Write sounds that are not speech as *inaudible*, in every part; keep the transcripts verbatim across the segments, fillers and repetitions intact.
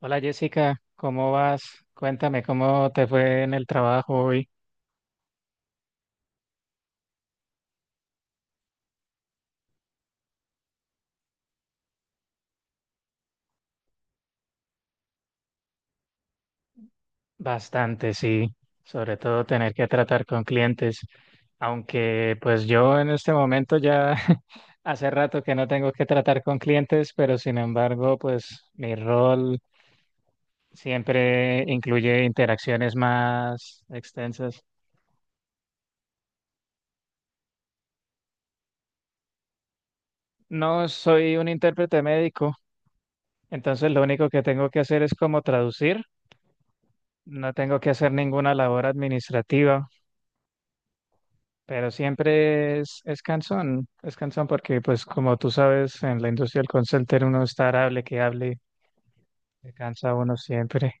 Hola Jessica, ¿cómo vas? Cuéntame cómo te fue en el trabajo hoy. Bastante, sí. Sobre todo tener que tratar con clientes. Aunque pues yo en este momento ya *laughs* hace rato que no tengo que tratar con clientes, pero sin embargo pues mi rol siempre incluye interacciones más extensas. No soy un intérprete médico, entonces lo único que tengo que hacer es como traducir. No tengo que hacer ninguna labor administrativa. Pero siempre es, es cansón, es cansón porque pues como tú sabes, en la industria del call center uno está hable que hable, se cansa uno siempre.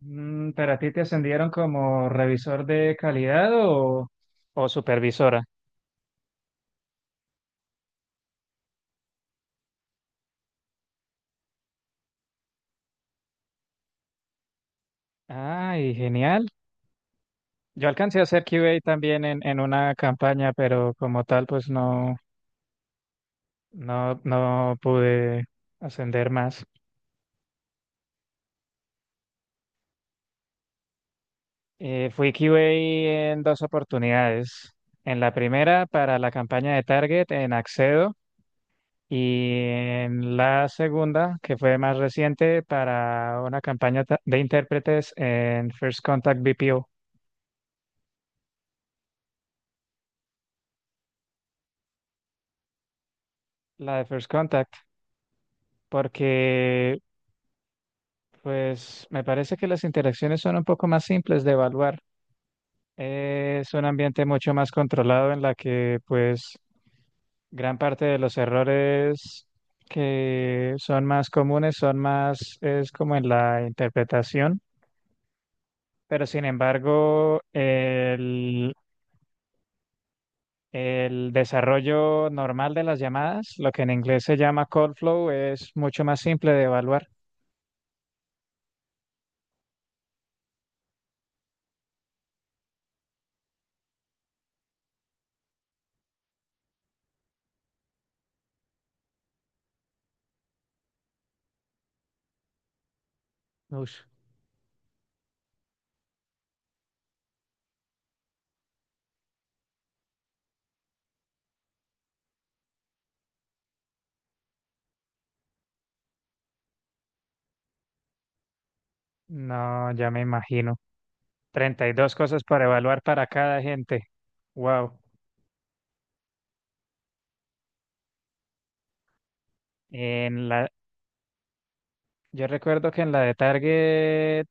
Mm, ¿pero a ti te ascendieron como revisor de calidad o, o supervisora? Ay, genial. Yo alcancé a hacer Q A también en, en una campaña, pero como tal pues no, no, no pude ascender más. Eh, fui Q A en dos oportunidades. En la primera para la campaña de Target en Accedo, y en la segunda, que fue más reciente, para una campaña ta- de intérpretes en First Contact B P O. La de First Contact, porque pues me parece que las interacciones son un poco más simples de evaluar. Es un ambiente mucho más controlado en la que pues gran parte de los errores que son más comunes son más, es como en la interpretación, pero sin embargo, el, el desarrollo normal de las llamadas, lo que en inglés se llama call flow, es mucho más simple de evaluar. Ush, no, ya me imagino. Treinta y dos cosas para evaluar para cada gente. Wow. En la, yo recuerdo que en la de Target,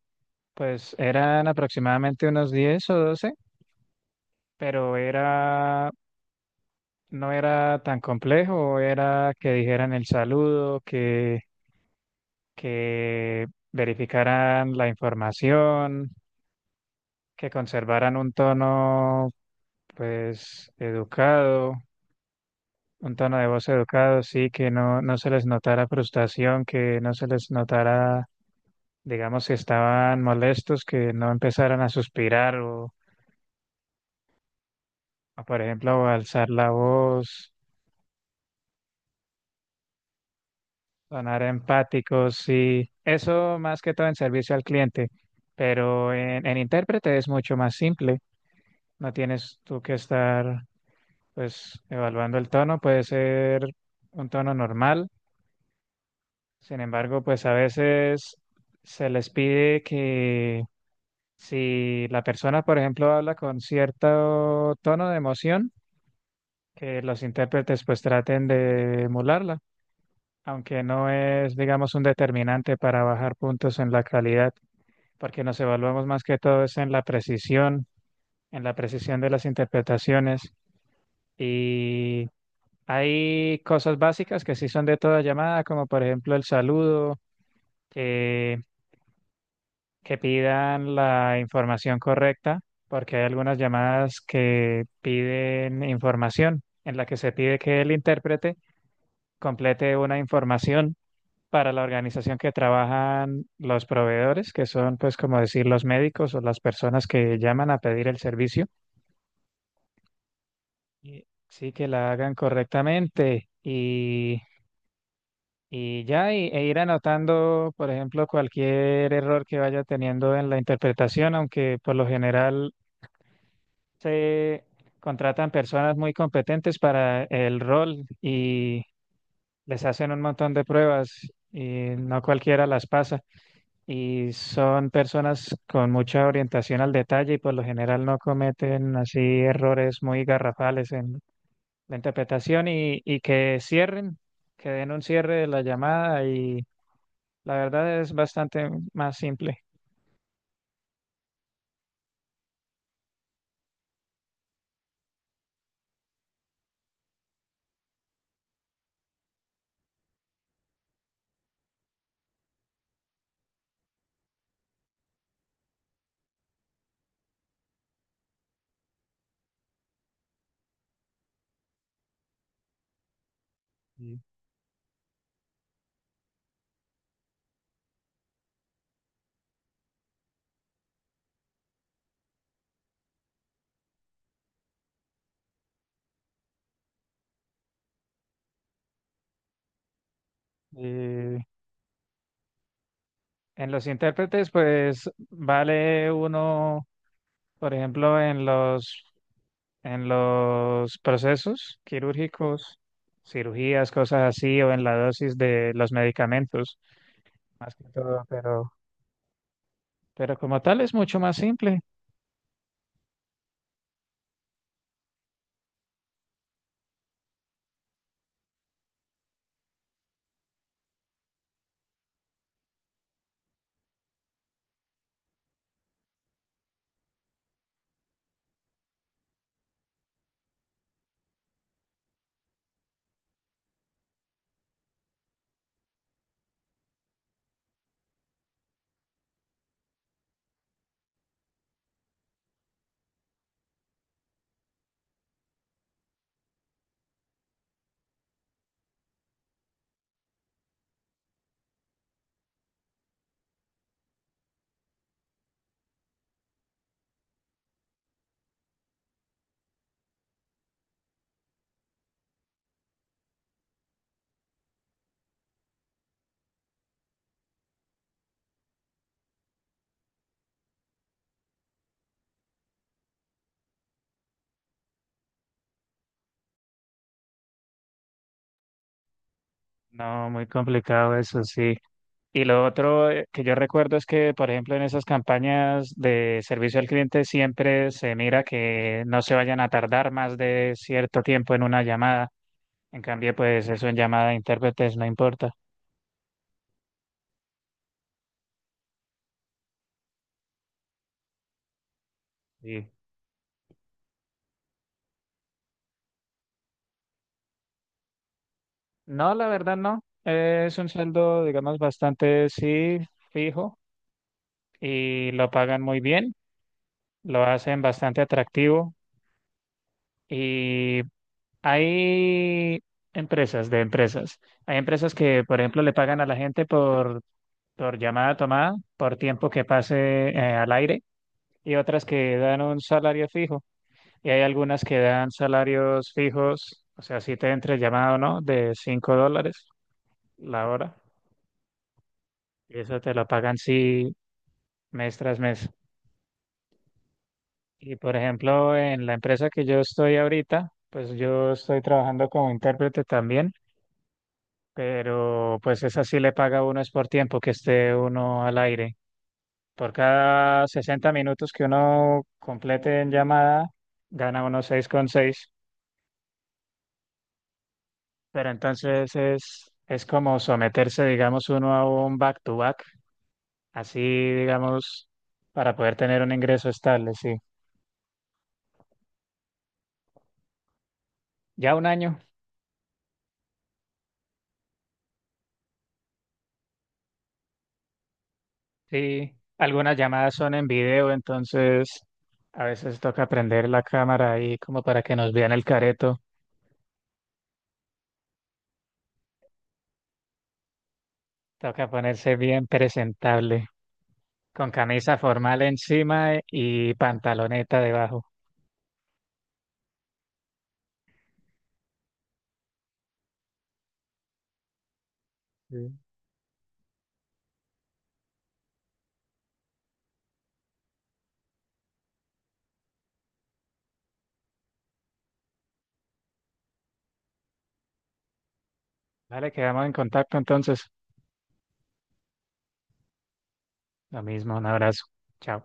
pues eran aproximadamente unos diez o doce, pero era, no era tan complejo, era que dijeran el saludo, que, que verificaran la información, que conservaran un tono, pues, educado, un tono de voz educado, sí, que no, no se les notara frustración, que no se les notara, digamos, si estaban molestos, que no empezaran a suspirar o, o, por ejemplo, a alzar la voz. Sonar empáticos y eso más que todo en servicio al cliente, pero en, en intérprete es mucho más simple, no tienes tú que estar pues evaluando el tono, puede ser un tono normal, sin embargo pues a veces se les pide que si la persona por ejemplo habla con cierto tono de emoción, que los intérpretes pues traten de emularla, aunque no es digamos un determinante para bajar puntos en la calidad. Porque nos evaluamos más que todo es en la precisión, en la precisión de las interpretaciones, y hay cosas básicas que sí son de toda llamada, como por ejemplo el saludo, eh, que pidan la información correcta, porque hay algunas llamadas que piden información en la que se pide que el intérprete complete una información para la organización que trabajan los proveedores, que son pues como decir los médicos o las personas que llaman a pedir el servicio. Y- Sí, que la hagan correctamente y, y ya, y- e ir anotando, por ejemplo, cualquier error que vaya teniendo en la interpretación, aunque por lo general se contratan personas muy competentes para el rol y les hacen un montón de pruebas y no cualquiera las pasa. Y son personas con mucha orientación al detalle y por lo general no cometen así errores muy garrafales la interpretación y, y que cierren, que den un cierre de la llamada, y la verdad es bastante más simple. Y- y en los intérpretes, pues vale uno, por ejemplo, en los, en los procesos quirúrgicos, cirugías, cosas así, o en la dosis de los medicamentos, más que todo, pero, pero como tal es mucho más simple. No, muy complicado eso, sí. Y lo otro, eh, que yo recuerdo es que, por ejemplo, en esas campañas de servicio al cliente siempre se mira que no se vayan a tardar más de cierto tiempo en una llamada. En cambio, pues eso en llamada de intérpretes no importa. Sí. No, la verdad no. Eh, Es un sueldo, digamos, bastante, sí, fijo, y lo pagan muy bien, lo hacen bastante atractivo, y hay empresas de empresas. Hay empresas que, por ejemplo, le pagan a la gente por por llamada a tomada, por tiempo que pase eh, al aire, y otras que dan un salario fijo. Y hay algunas que dan salarios fijos, o sea, si te entra el llamado o no, de cinco dólares la hora, y eso te lo pagan sí mes tras mes. Y por ejemplo, en la empresa que yo estoy ahorita, pues yo estoy trabajando como intérprete también, pero pues esa sí le paga a uno es por tiempo que esté uno al aire. Por cada sesenta minutos que uno complete en llamada, gana uno seis coma seis. Pero entonces es, es como someterse, digamos, uno a un back-to-back, así, digamos, para poder tener un ingreso estable, sí. Ya un año, sí. Algunas llamadas son en video, entonces a veces toca prender la cámara ahí como para que nos vean el careto. Toca ponerse bien presentable, con camisa formal encima y pantaloneta debajo. Sí. Dale, quedamos en contacto entonces. Lo mismo, un abrazo. Chao.